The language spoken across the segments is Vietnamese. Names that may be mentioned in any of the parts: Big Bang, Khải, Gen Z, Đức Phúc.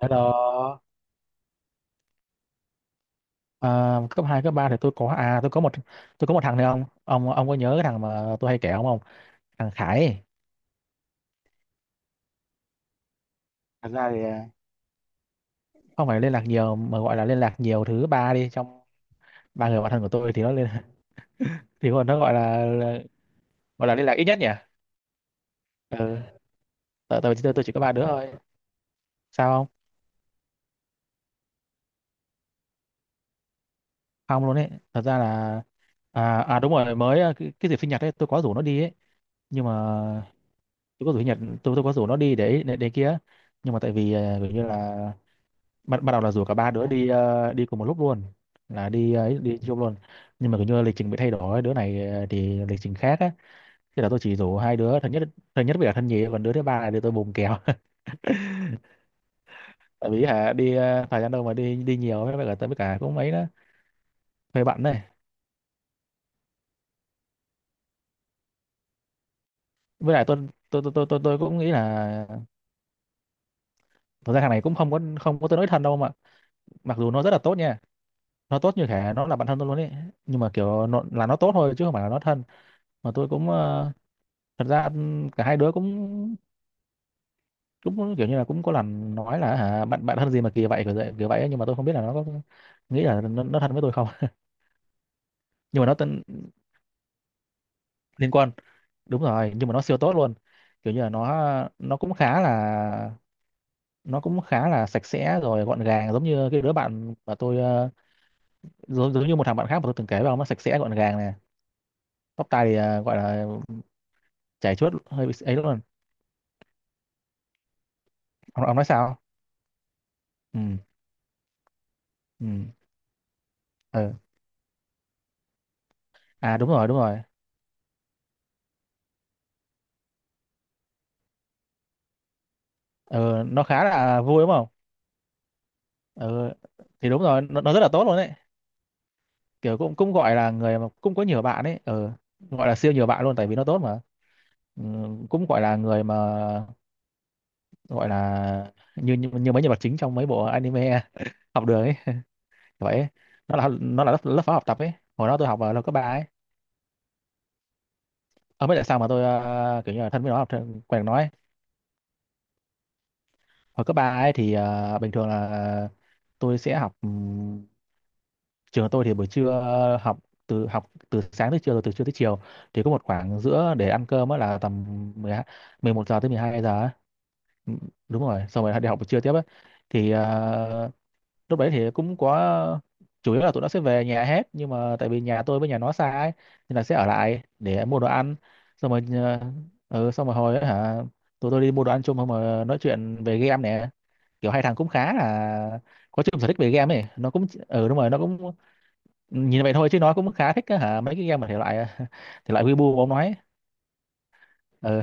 Hello, à, cấp 2 cấp 3 thì tôi có tôi có một thằng này ông có nhớ cái thằng mà tôi hay kể ông không? Thằng Khải ấy. Thật ra thì không phải liên lạc nhiều mà gọi là liên lạc nhiều thứ ba đi trong ba người bạn thân của tôi thì nó liên thì còn nó gọi là liên lạc ít nhất nhỉ? Ừ, tại tại vì tôi chỉ có ba đứa thôi. Sao không? Không luôn ấy. Thật ra là đúng rồi mới cái dịp sinh nhật ấy tôi có rủ nó đi ấy nhưng mà tôi có rủ sinh nhật tôi có rủ nó đi để kia nhưng mà tại vì kiểu như là bắt bắt đầu là rủ cả ba đứa đi đi cùng một lúc luôn là đi ấy đi chung luôn nhưng mà kiểu như lịch trình bị thay đổi đứa này thì lịch trình khác á, thế là tôi chỉ rủ hai đứa thân nhất, thân nhất với cả thân nhì còn đứa thứ ba là đứa tôi bùng kèo. Tại vì hả đi thời gian đâu mà đi đi nhiều với cả tôi với cả cũng mấy đó, hơi bận này với lại tôi tôi cũng nghĩ là thực ra thằng này cũng không có tôi nói thân đâu mà, mặc dù nó rất là tốt nha, nó tốt như thể nó là bạn thân tôi luôn ấy nhưng mà kiểu nó, là nó tốt thôi chứ không phải là nó thân. Mà tôi cũng thật ra cả hai đứa cũng cũng kiểu như là cũng có lần nói là hả bạn bạn thân gì mà kỳ vậy kiểu vậy kiểu vậy ấy, nhưng mà tôi không biết là nó có nghĩ là nó thân với tôi không. Nhưng mà nó tên liên quan, đúng rồi nhưng mà nó siêu tốt luôn, kiểu như là nó cũng khá là nó cũng khá là sạch sẽ rồi gọn gàng giống như cái đứa bạn mà tôi giống, giống như một thằng bạn khác mà tôi từng kể với ông, nó sạch sẽ gọn gàng này, tóc tai thì gọi là chảy chuốt hơi bị ấy luôn. Ông nói sao? Ừ, ừ, ừ, à đúng rồi, đúng rồi. Ừ, nó khá là vui đúng không? Ừ, thì đúng rồi nó rất là tốt luôn đấy, kiểu cũng cũng gọi là người mà cũng có nhiều bạn ấy. Ừ, gọi là siêu nhiều bạn luôn tại vì nó tốt mà. Ừ, cũng gọi là người mà gọi là như như, như mấy nhân vật chính trong mấy bộ anime học đường ấy. Vậy ấy. Nó là lớp phó học tập ấy, hồi đó tôi học ở lớp cấp ba ấy. Ông biết tại sao mà tôi kiểu như là thân với nó học quen nói ấy. Hồi cấp ba ấy thì bình thường là tôi sẽ học, trường tôi thì buổi trưa học từ sáng tới chiều rồi từ trưa tới chiều thì có một khoảng giữa để ăn cơm á, là tầm 12 11 giờ tới 12 giờ á. Ừ, đúng rồi xong rồi đi học buổi trưa tiếp á. Thì lúc đấy thì cũng có chủ yếu là tụi nó sẽ về nhà hết nhưng mà tại vì nhà tôi với nhà nó xa ấy, nên là sẽ ở lại để mua đồ ăn, xong rồi xong rồi hồi ấy, hả tụi tôi đi mua đồ ăn chung xong rồi nói chuyện về game nè, kiểu hai thằng cũng khá là có chung sở thích về game ấy, nó cũng ừ đúng rồi nó cũng nhìn vậy thôi chứ nó cũng khá thích á hả mấy cái game mà thể loại thể loại Weibo mà ông nói. Ừ,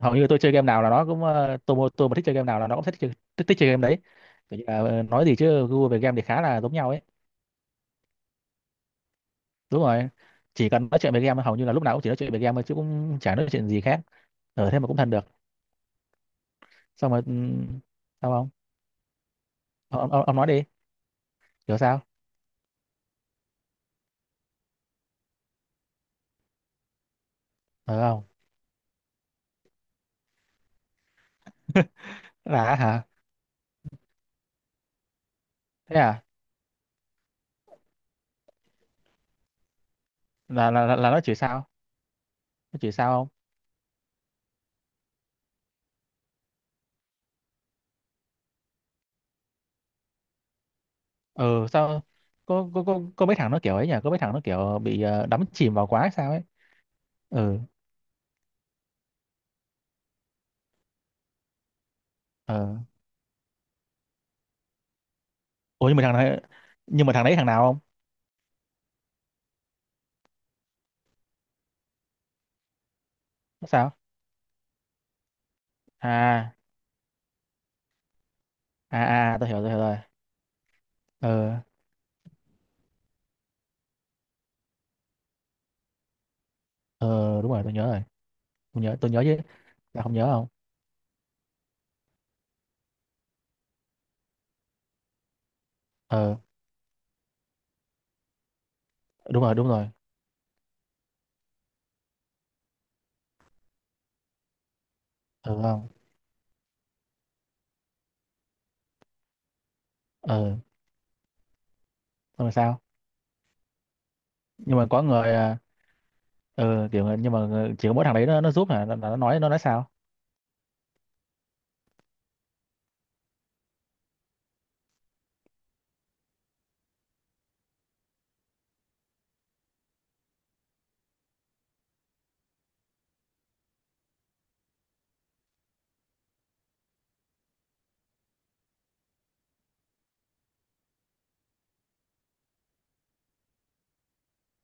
hầu như tôi chơi game nào là nó cũng tôi mà thích chơi game nào là nó cũng thích chơi, thích chơi game đấy. Kiểu như là, ờ, nói gì chứ gu về game thì khá là giống nhau ấy. Đúng rồi, chỉ cần nói chuyện về game hầu như là lúc nào cũng chỉ nói chuyện về game thôi chứ cũng chả nói chuyện gì khác, ở thế mà cũng thân được. Xong rồi sao không? Ông nói đi. Hiểu sao? Ờ không, là hả? Thế à? Là nó chửi sao? Nó chửi sao? Ờ sao? Có có mấy thằng nó kiểu ấy nhỉ, có mấy thằng nó kiểu bị đắm chìm vào quá hay sao ấy. Ừ. Ờ. Ủa nhưng mà thằng này, nhưng mà thằng đấy thằng nào không? Nó sao? À à à, tôi hiểu rồi. Ờ ờ đúng rồi tôi nhớ rồi, tôi nhớ chứ, là không nhớ không. Ờ đúng rồi đúng rồi. Ờ không. Ờ xong rồi sao? Nhưng mà có người kiểu người- nhưng mà người- chỉ có mỗi thằng đấy nó giúp hả, là nó nói, nó nói sao?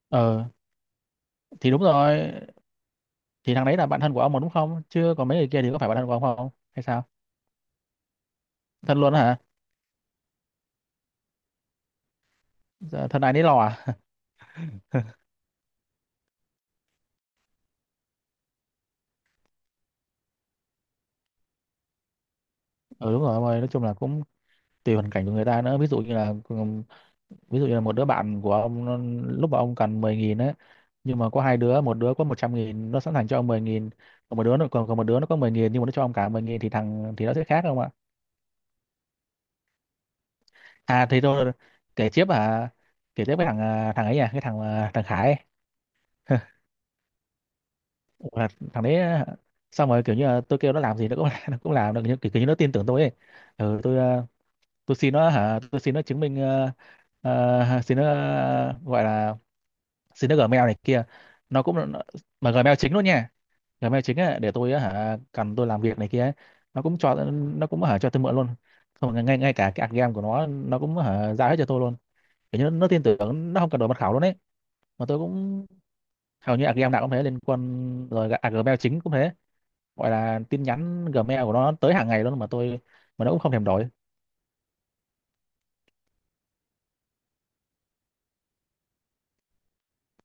Ờ thì đúng rồi, thì thằng đấy là bạn thân của ông mà đúng không chứ còn mấy người kia thì có phải bạn thân của ông không hay sao? Thân luôn đó hả? Dạ, thân ái nấy lo à. Ừ đúng rồi ông ơi, nói chung là cũng tùy hoàn cảnh của người ta nữa. Ví dụ như là ví dụ như là một đứa bạn của ông nó- lúc mà ông cần 10 nghìn ấy, nhưng mà có hai đứa, một đứa có 100 nghìn nó sẵn sàng cho ông 10 nghìn, còn một đứa còn một đứa nó có 10 nghìn nhưng mà nó cho ông cả 10 nghìn thì thằng thì nó sẽ khác không ạ? Thì tôi kể tiếp kể tiếp cái thằng à, thằng ấy à cái thằng thằng Khải ấy. Là thằng đấy xong rồi kiểu như là tôi kêu nó làm gì nó cũng nó cũng làm được kiểu như nó tin tưởng tôi ấy. Ừ tôi tôi xin nó, hả tôi xin nó chứng minh xin nó gọi là xin nó Gmail này kia, nó cũng nó- mà Gmail chính luôn nha, Gmail chính ấy, để tôi á hả cần tôi làm việc này kia ấy. Nó cũng cho, nó cũng hả cho tôi mượn luôn, không ngay ngay cả cái game của nó cũng hả giao hết cho tôi luôn, kiểu như nó tin tưởng nó không cần đổi mật khẩu luôn ấy. Mà tôi cũng hầu như game nào cũng thế liên quan rồi Gmail chính cũng thế, gọi là tin nhắn Gmail của nó tới hàng ngày luôn mà tôi mà nó cũng không thèm đổi.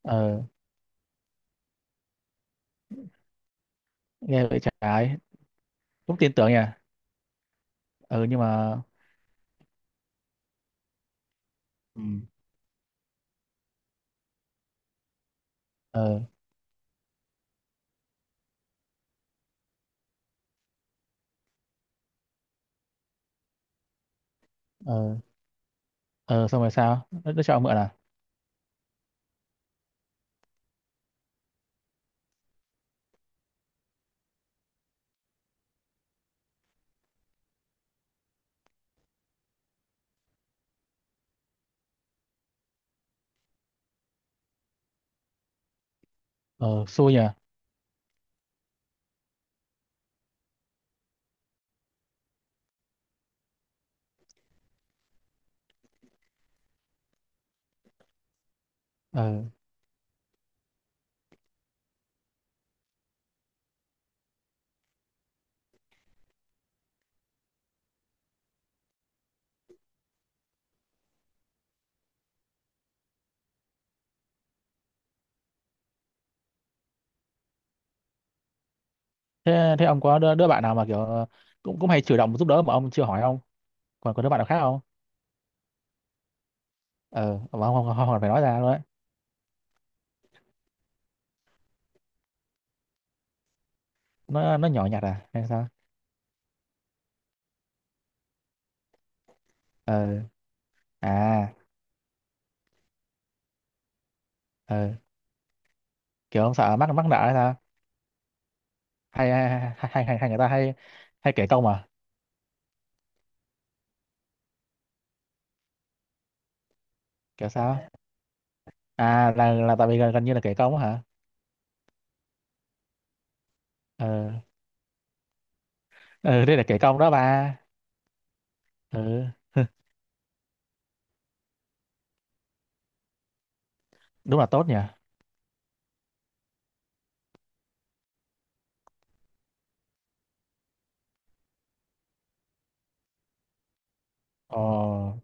Ờ nghe vậy trái, cũng tin tưởng nhỉ. Ừ nhưng mà ừ. Ờ ờ ờ xong rồi sao, nó cho ông mượn à? Ờ xui nhỉ. Ờ thế thế ông có đứa bạn nào mà kiểu cũng cũng hay chủ động giúp đỡ mà ông chưa hỏi không? Còn có đứa bạn nào khác không? Ờ mà ông không phải nói ra luôn đấy. Nó nhỏ nhặt à hay sao? Ờ. À ờ kiểu ông sợ mắc mắc nợ hay sao? Hay hay hay, hay, hay hay người ta hay hay kể công à? Kiểu sao? À là tại vì gần như là kể công á hả. Ờ. Ờ đây là kể công đó ba. Ừ đúng là tốt nhỉ. Ờ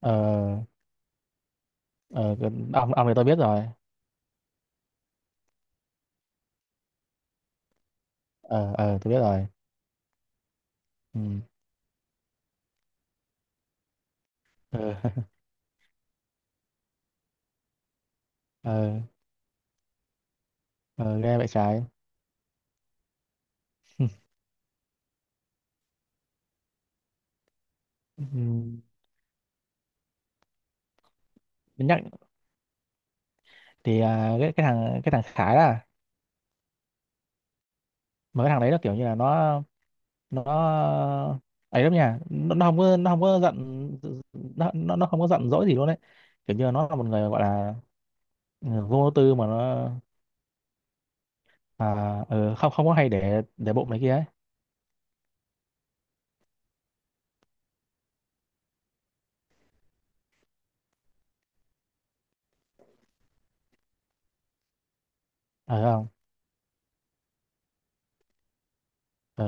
ờ ờ cái- ông này tôi biết rồi. Ờ ờ tôi biết rồi. Ừ ờ ờ ờ, ghê vậy trái. Ừ. Nhắc thì cái thằng Khải là mà cái thằng đấy nó kiểu như là nó ấy lắm nha nó không có giận, nó không có giận dỗi gì luôn đấy, kiểu như là nó là một người gọi là ừ, vô tư mà nó à, không không có hay để bụng này kia ấy. Ờ không. Ờ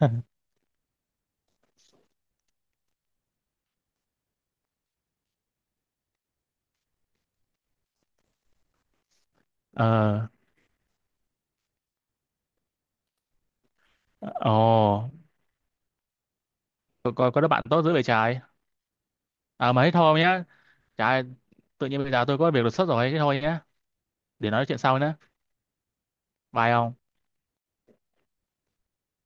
ờ Ồ có đứa bạn tốt dữ vậy trái. À mấy thôi nhá. Trời ơi, tự nhiên bây giờ tôi có việc đột xuất rồi, thế thôi nhé. Để nói chuyện sau nhé. Bye ông.